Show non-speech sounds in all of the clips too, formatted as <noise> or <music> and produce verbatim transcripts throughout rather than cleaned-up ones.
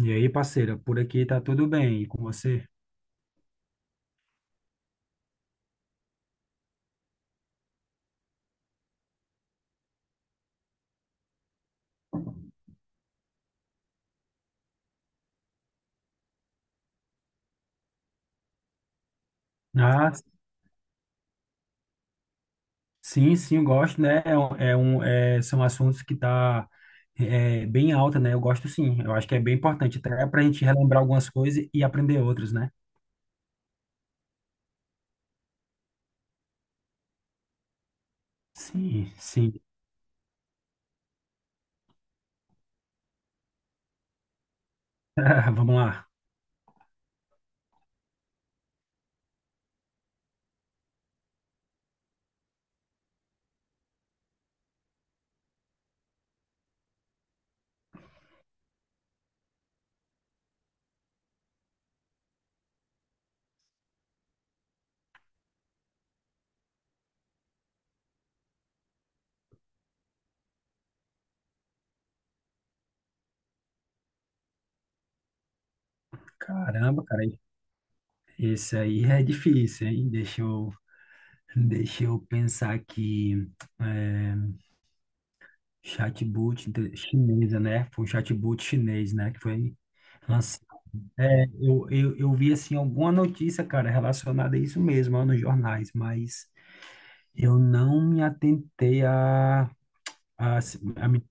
E aí, parceira, por aqui tá tudo bem, e com você? Ah, sim, sim, eu gosto, né? É um, é um- é- são assuntos que tá é, bem alta, né? Eu gosto sim, eu acho que é bem importante, até pra gente relembrar algumas coisas e aprender outras, né? Sim, sim. <laughs> Vamos lá. Caramba, cara, esse aí é difícil, hein? Deixa eu, deixa eu pensar aqui. É, Chatbot inte- chinesa, né? Foi um chatbot chinês, né? Que foi lançado. É, eu, eu, eu vi assim alguma notícia, cara, relacionada a isso mesmo, ó, nos jornais, mas eu não me atentei a, a, se- a, me,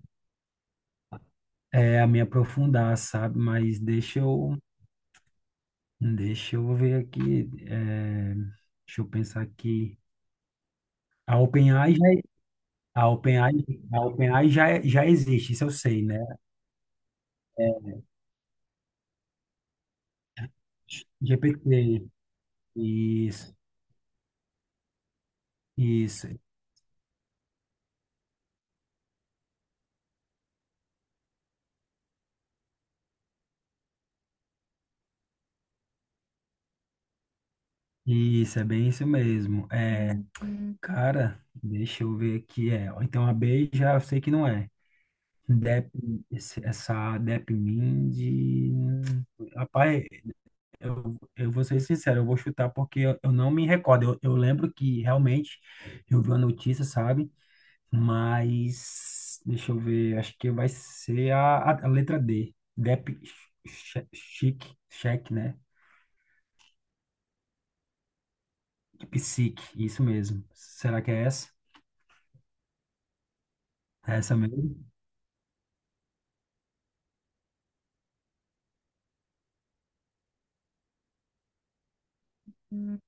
é, a me aprofundar, sabe? Mas deixa eu, deixa eu ver aqui, é, deixa eu pensar aqui. A OpenAI já, a OpenAI, a OpenAI já, já existe, isso eu sei, né? G P T, isso, isso. Isso, é bem isso mesmo. É. Uhum. Cara, deixa eu ver aqui. É, ó, então a B já eu sei que não é. Dep, esse- essa Depmind. hum, Rapaz, eu, eu vou ser sincero, eu vou chutar porque eu, eu não me recordo. Eu, eu lembro que realmente eu vi a notícia, sabe? Mas deixa eu ver, acho que vai ser a, a, a letra D. Dep Che- Chic, Check né? Psique, isso mesmo. Será que é essa? É essa mesmo? Hum.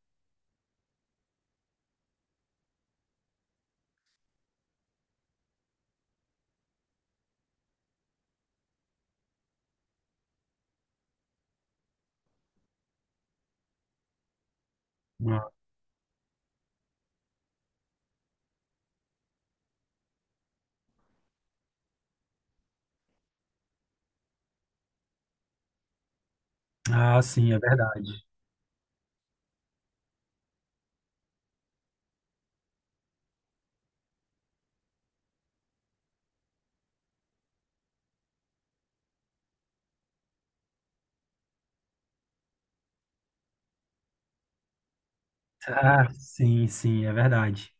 Ah, sim, é verdade. Ah, sim, sim, é verdade.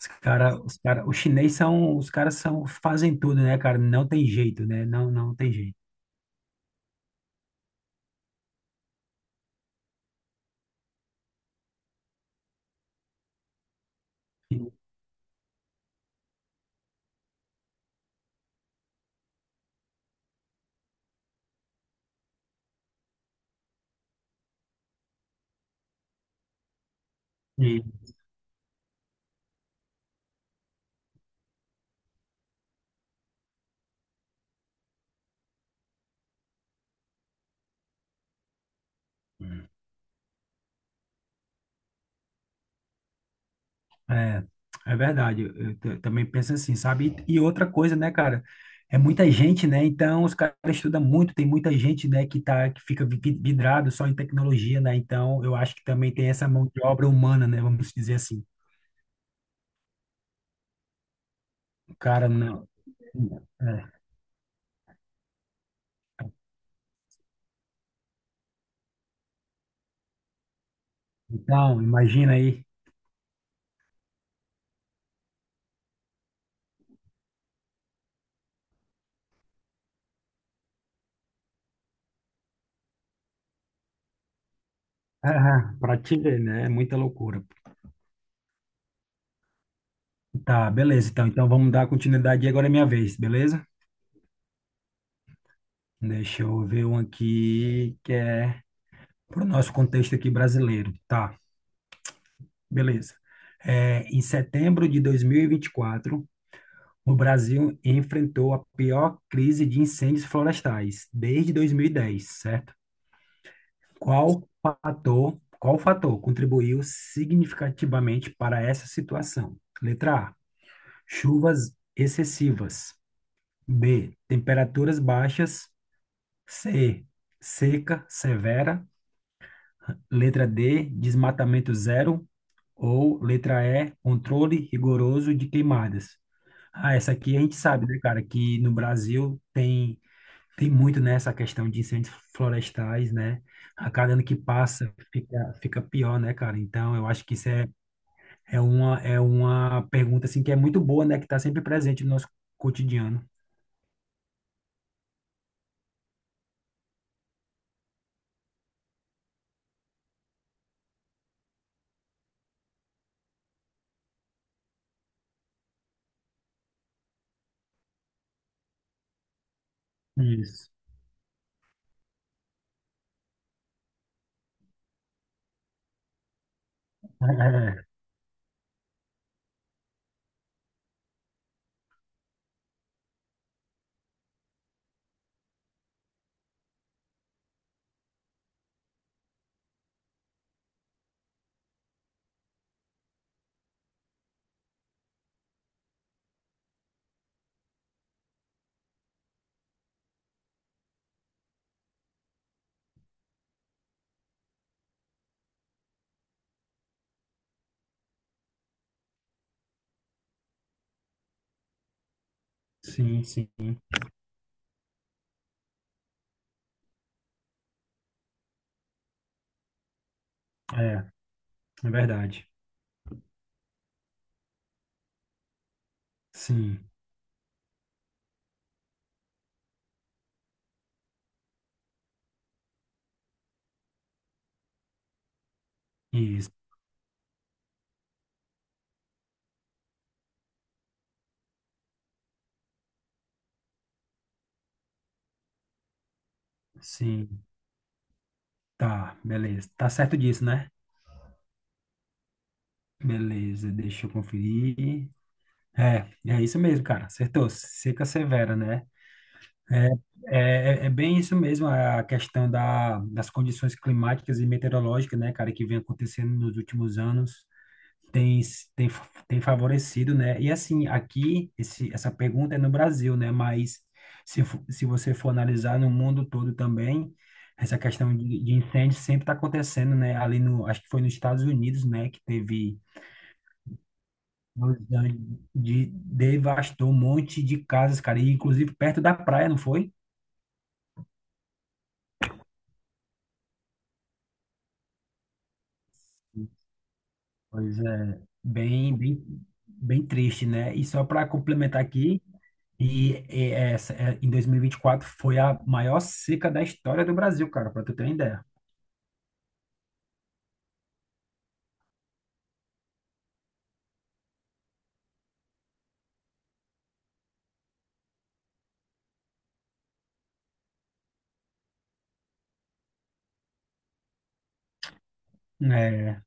Os cara, os cara, os chinês são, os caras são, fazem tudo, né, cara? Não tem jeito, né? Não, não tem jeito. E, é, é verdade. Eu, eu t- também penso assim, sabe? E, e outra coisa, né, cara? É muita gente, né? Então os caras estudam muito, tem muita gente, né, que tá, que fica vi- vi- vidrado só em tecnologia, né? Então eu acho que também tem essa mão de obra humana, né? Vamos dizer assim. O cara não. É. Então, imagina aí. <laughs> Ah, pra te ver, né? É muita loucura. Tá, beleza. Então, então vamos dar continuidade e agora é minha vez, beleza? Deixa eu ver um aqui que é pro nosso contexto aqui brasileiro. Tá, beleza. É, em setembro de dois mil e e vinte e quatro, o Brasil enfrentou a pior crise de incêndios florestais desde dois mil e dez, certo? Qual fator, qual fator contribuiu significativamente para essa situação? Letra A, chuvas excessivas. B, temperaturas baixas. C, seca severa. Letra D, desmatamento zero. Ou letra E, controle rigoroso de queimadas. Ah, essa aqui a gente sabe, né, cara, que no Brasil tem, tem muito nessa questão de incêndios florestais, né? A cada ano que passa fica, fica pior, né, cara? Então, eu acho que isso é, é uma, é uma pergunta, assim, que é muito boa, né, que está sempre presente no nosso cotidiano. Isso. <laughs> É, sim, sim. É, é verdade. Sim, isso. Sim, tá, beleza. Tá certo disso, né? Beleza, deixa eu conferir. É, é isso mesmo, cara. Acertou. Seca severa, né? É, é, é é bem isso mesmo, é a questão da, das condições climáticas e meteorológicas, né, cara, que vem acontecendo nos últimos anos. Tem, s- tem, fa- Tem favorecido, né? E assim, aqui, esse, essa pergunta é no Brasil, né? Mas se, fo- se você for analisar no mundo todo também, essa questão de, de incêndio sempre está acontecendo, né? Ali no, acho que foi nos Estados Unidos, né? Que teve Los Angeles, de, devastou um monte de casas, cara, e inclusive perto da praia, não foi? Pois é, bem, bem, bem triste, né? E só para complementar aqui, E, e essa, é, em dois mil e vinte e quatro foi a maior seca da história do Brasil, cara, para tu ter uma ideia. É,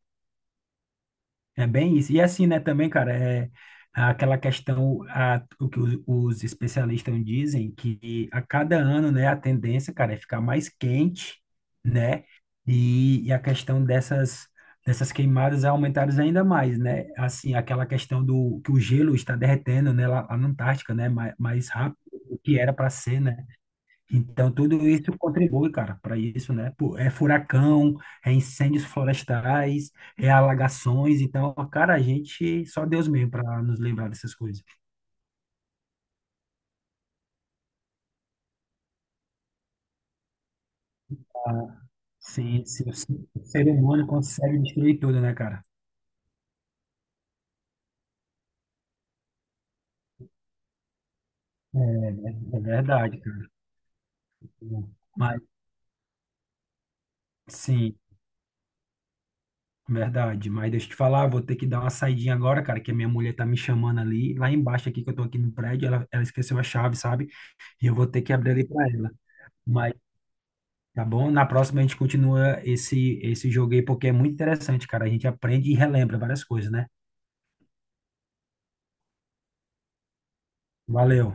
é bem isso. E assim, né, também, cara, é aquela questão, a, o que os, os especialistas dizem, que a cada ano, né, a tendência, cara, é ficar mais quente, né? E, e a questão dessas, dessas queimadas é aumentar ainda mais, né? Assim, aquela questão do que o gelo está derretendo, né, lá, lá na Antártica, né, mais, mais rápido do que era para ser, né? Então, tudo isso contribui, cara, para isso, né? Pô, é furacão, é incêndios florestais, é alagações. Então, cara, a gente, só Deus mesmo para nos livrar dessas coisas. Ah, sim, sim, sim. O ser humano consegue destruir tudo, né, cara? É, é verdade, cara. Mas, sim, verdade. Mas deixa eu te falar, vou ter que dar uma saidinha agora, cara, que a minha mulher tá me chamando ali, lá embaixo aqui, que eu tô aqui no prédio, ela, ela esqueceu a chave, sabe? E eu vou ter que abrir ali para ela. Mas tá bom? Na próxima a gente continua esse, esse jogo aí, porque é muito interessante, cara. A gente aprende e relembra várias coisas, né? Valeu.